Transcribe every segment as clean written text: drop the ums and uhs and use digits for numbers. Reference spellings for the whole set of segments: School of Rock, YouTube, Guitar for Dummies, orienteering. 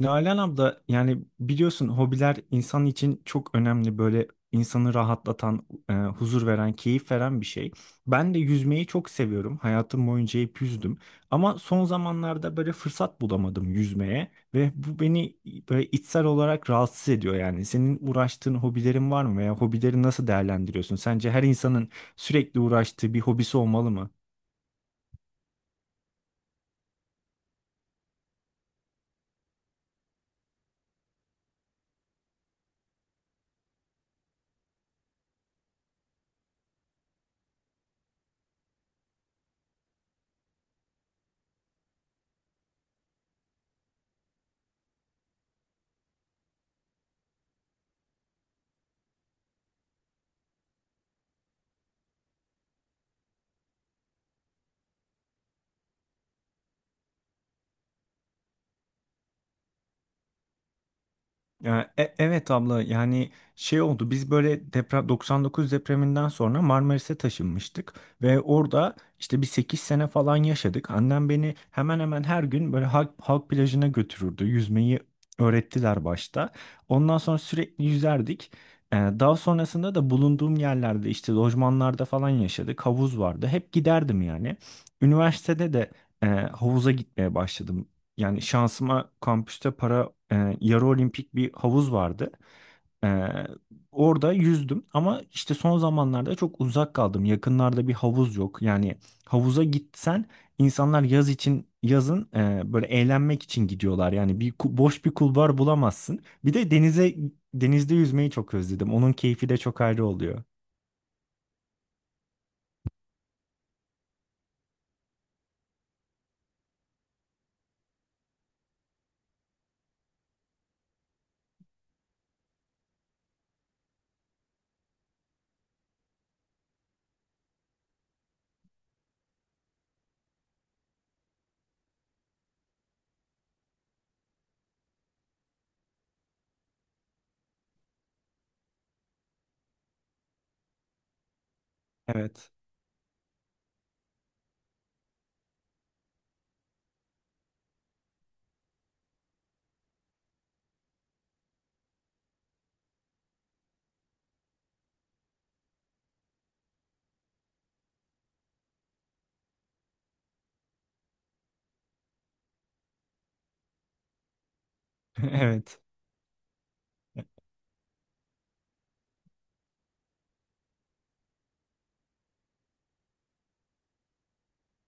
Nalan abla, yani biliyorsun, hobiler insan için çok önemli, böyle insanı rahatlatan, huzur veren, keyif veren bir şey. Ben de yüzmeyi çok seviyorum. Hayatım boyunca hep yüzdüm. Ama son zamanlarda böyle fırsat bulamadım yüzmeye ve bu beni böyle içsel olarak rahatsız ediyor yani. Senin uğraştığın hobilerin var mı veya hobileri nasıl değerlendiriyorsun? Sence her insanın sürekli uğraştığı bir hobisi olmalı mı? Ya, evet abla, yani şey oldu, biz böyle deprem 99 depreminden sonra Marmaris'e taşınmıştık ve orada işte bir 8 sene falan yaşadık. Annem beni hemen hemen her gün böyle halk plajına götürürdü. Yüzmeyi öğrettiler başta. Ondan sonra sürekli yüzerdik. Daha sonrasında da bulunduğum yerlerde, işte lojmanlarda falan yaşadık. Havuz vardı. Hep giderdim yani. Üniversitede de havuza gitmeye başladım. Yani şansıma kampüste yarı olimpik bir havuz vardı. E, Orada yüzdüm ama işte son zamanlarda çok uzak kaldım. Yakınlarda bir havuz yok. Yani havuza gitsen, insanlar yaz için, yazın böyle eğlenmek için gidiyorlar. Yani boş bir kulvar bulamazsın. Bir de denizde yüzmeyi çok özledim. Onun keyfi de çok ayrı oluyor. Evet. Evet.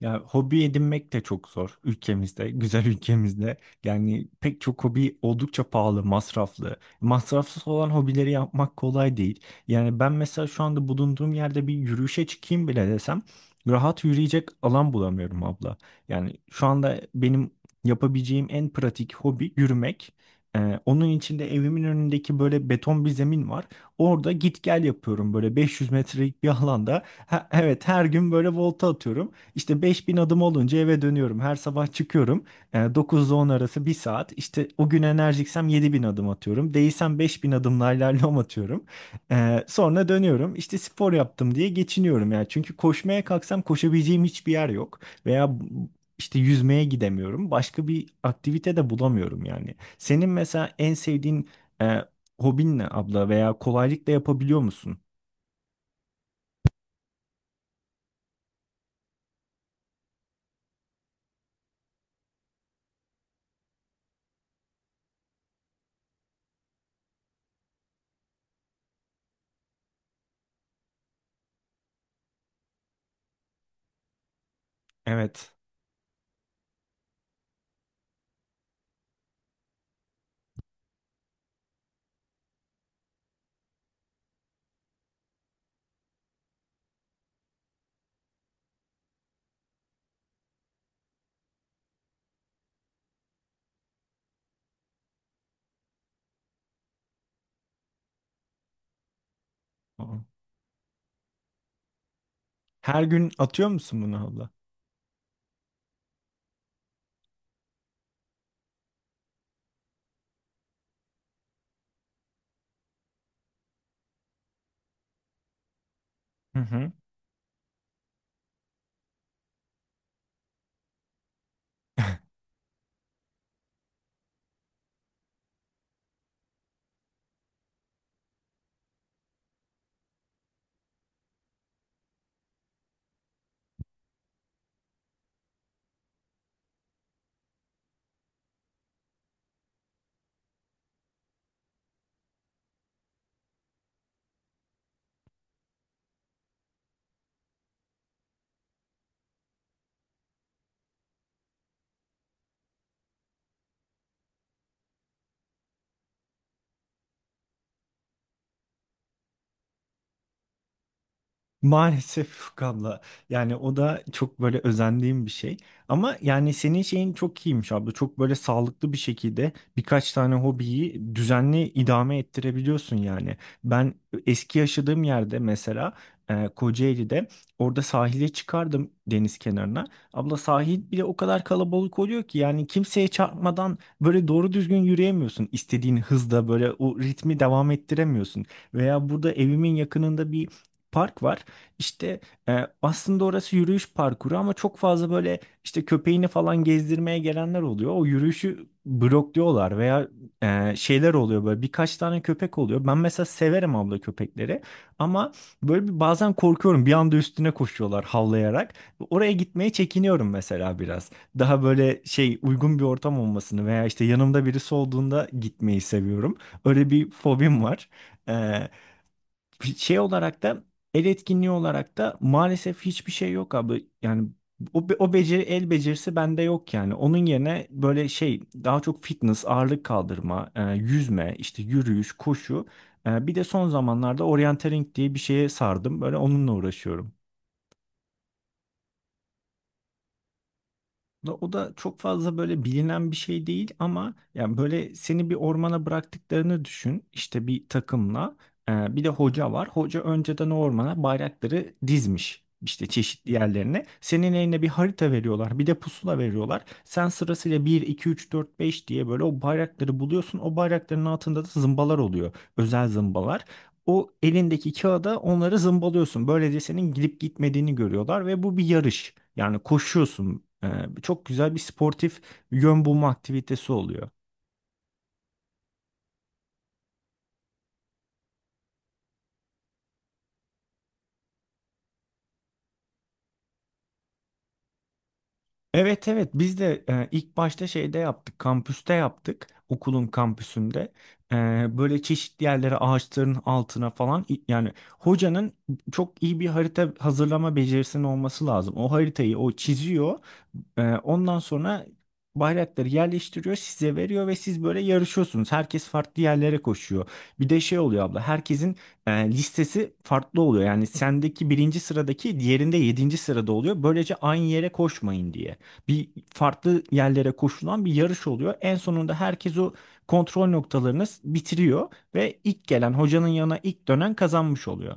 Ya, hobi edinmek de çok zor ülkemizde, güzel ülkemizde. Yani pek çok hobi oldukça pahalı, masraflı. Masrafsız olan hobileri yapmak kolay değil. Yani ben mesela şu anda bulunduğum yerde bir yürüyüşe çıkayım bile desem, rahat yürüyecek alan bulamıyorum abla. Yani şu anda benim yapabileceğim en pratik hobi yürümek. Onun içinde evimin önündeki böyle beton bir zemin var. Orada git gel yapıyorum, böyle 500 metrelik bir alanda. Ha, evet, her gün böyle volta atıyorum. İşte 5000 adım olunca eve dönüyorum. Her sabah çıkıyorum. E, 9'da 10 arası bir saat. İşte o gün enerjiksem 7.000 adım atıyorum. Değilsem 5.000 adımla ilerliyorum, atıyorum. Sonra dönüyorum. İşte spor yaptım diye geçiniyorum yani. Çünkü koşmaya kalksam koşabileceğim hiçbir yer yok. Veya işte yüzmeye gidemiyorum. Başka bir aktivite de bulamıyorum yani. Senin mesela en sevdiğin e, hobin ne abla veya kolaylıkla yapabiliyor musun? Evet. Her gün atıyor musun bunu abla? Hı hı. Maalesef abla, yani o da çok böyle özendiğim bir şey ama yani senin şeyin çok iyiymiş abla, çok böyle sağlıklı bir şekilde birkaç tane hobiyi düzenli idame ettirebiliyorsun. Yani ben eski yaşadığım yerde mesela Kocaeli'de, orada sahile çıkardım, deniz kenarına. Abla, sahil bile o kadar kalabalık oluyor ki, yani kimseye çarpmadan böyle doğru düzgün yürüyemiyorsun, istediğin hızda böyle o ritmi devam ettiremiyorsun. Veya burada evimin yakınında bir park var. İşte aslında orası yürüyüş parkuru ama çok fazla böyle işte köpeğini falan gezdirmeye gelenler oluyor. O yürüyüşü blokluyorlar veya şeyler oluyor, böyle birkaç tane köpek oluyor. Ben mesela severim abla köpekleri ama böyle bir bazen korkuyorum. Bir anda üstüne koşuyorlar havlayarak. Oraya gitmeye çekiniyorum mesela biraz. Daha böyle şey, uygun bir ortam olmasını veya işte yanımda birisi olduğunda gitmeyi seviyorum. Öyle bir fobim var. E, Şey olarak da, el etkinliği olarak da maalesef hiçbir şey yok abi. Yani o, be- o beceri el becerisi bende yok yani. Onun yerine böyle şey daha çok fitness, ağırlık kaldırma, yüzme, işte yürüyüş, koşu. Bir de son zamanlarda orienteering diye bir şeye sardım. Böyle onunla uğraşıyorum. O da çok fazla böyle bilinen bir şey değil ama yani böyle seni bir ormana bıraktıklarını düşün, işte bir takımla. Bir de hoca var. Hoca önceden o ormana bayrakları dizmiş, işte çeşitli yerlerine. Senin eline bir harita veriyorlar, bir de pusula veriyorlar. Sen sırasıyla bir, 2, 3, 4, 5 diye böyle o bayrakları buluyorsun. O bayrakların altında da zımbalar oluyor, özel zımbalar. O elindeki kağıda onları zımbalıyorsun. Böylece senin gidip gitmediğini görüyorlar ve bu bir yarış. Yani koşuyorsun. Çok güzel bir sportif yön bulma aktivitesi oluyor. Evet, evet, biz de ilk başta şeyde yaptık, kampüste yaptık, okulun kampüsünde. E, Böyle çeşitli yerlere, ağaçların altına falan, yani hocanın çok iyi bir harita hazırlama becerisinin olması lazım. O haritayı o çiziyor. Ondan sonra bayrakları yerleştiriyor, size veriyor ve siz böyle yarışıyorsunuz. Herkes farklı yerlere koşuyor. Bir de şey oluyor abla, herkesin listesi farklı oluyor. Yani sendeki birinci sıradaki diğerinde yedinci sırada oluyor, böylece aynı yere koşmayın diye. Bir farklı yerlere koşulan bir yarış oluyor. En sonunda herkes o kontrol noktalarını bitiriyor ve ilk gelen hocanın yanına, ilk dönen kazanmış oluyor.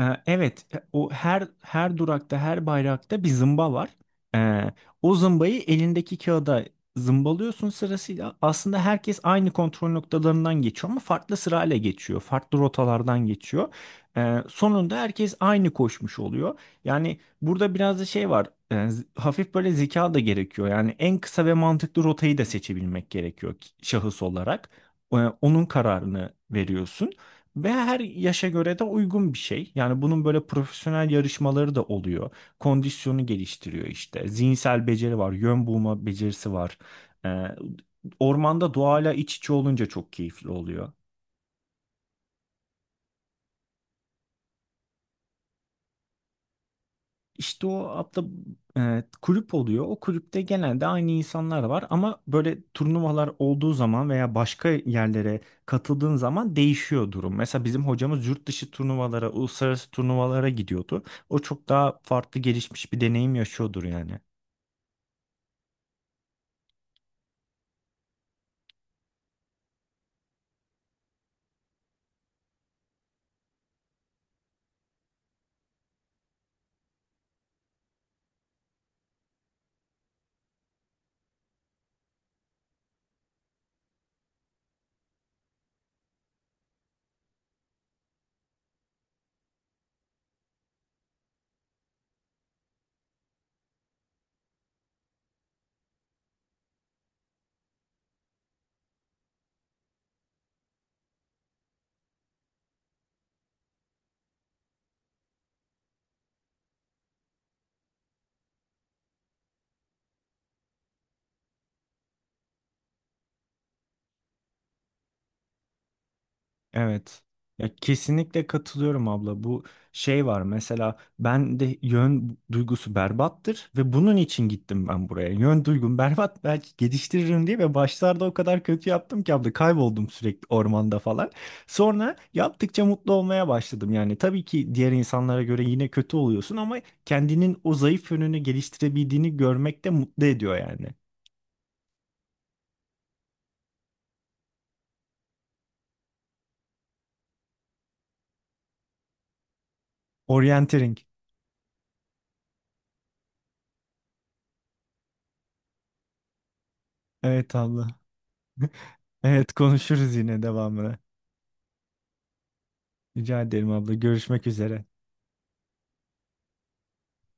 Evet, o her durakta, her bayrakta bir zımba var. Ee, O zımbayı elindeki kağıda zımbalıyorsun sırasıyla. Aslında herkes aynı kontrol noktalarından geçiyor ama farklı sırayla geçiyor, farklı rotalardan geçiyor. Sonunda herkes aynı koşmuş oluyor. Yani burada biraz da şey var, hafif böyle zeka da gerekiyor. Yani en kısa ve mantıklı rotayı da seçebilmek gerekiyor, şahıs olarak. Ee, Onun kararını veriyorsun. Ve her yaşa göre de uygun bir şey. Yani bunun böyle profesyonel yarışmaları da oluyor. Kondisyonu geliştiriyor işte. Zihinsel beceri var, yön bulma becerisi var. Ee, Ormanda doğayla iç içe olunca çok keyifli oluyor. İşte o abla, kulüp oluyor. O kulüpte genelde aynı insanlar var ama böyle turnuvalar olduğu zaman veya başka yerlere katıldığın zaman değişiyor durum. Mesela bizim hocamız yurt dışı turnuvalara, uluslararası turnuvalara gidiyordu. O çok daha farklı gelişmiş bir deneyim yaşıyordur yani. Evet. Ya, kesinlikle katılıyorum abla. Bu şey var, mesela ben de yön duygusu berbattır ve bunun için gittim ben buraya. Yön duygum berbat, belki geliştiririm diye, ve başlarda o kadar kötü yaptım ki abla, kayboldum sürekli ormanda falan. Sonra yaptıkça mutlu olmaya başladım. Yani tabii ki diğer insanlara göre yine kötü oluyorsun ama kendinin o zayıf yönünü geliştirebildiğini görmek de mutlu ediyor yani. Orienteering. Evet abla. Evet, konuşuruz yine devamını. Rica ederim abla. Görüşmek üzere.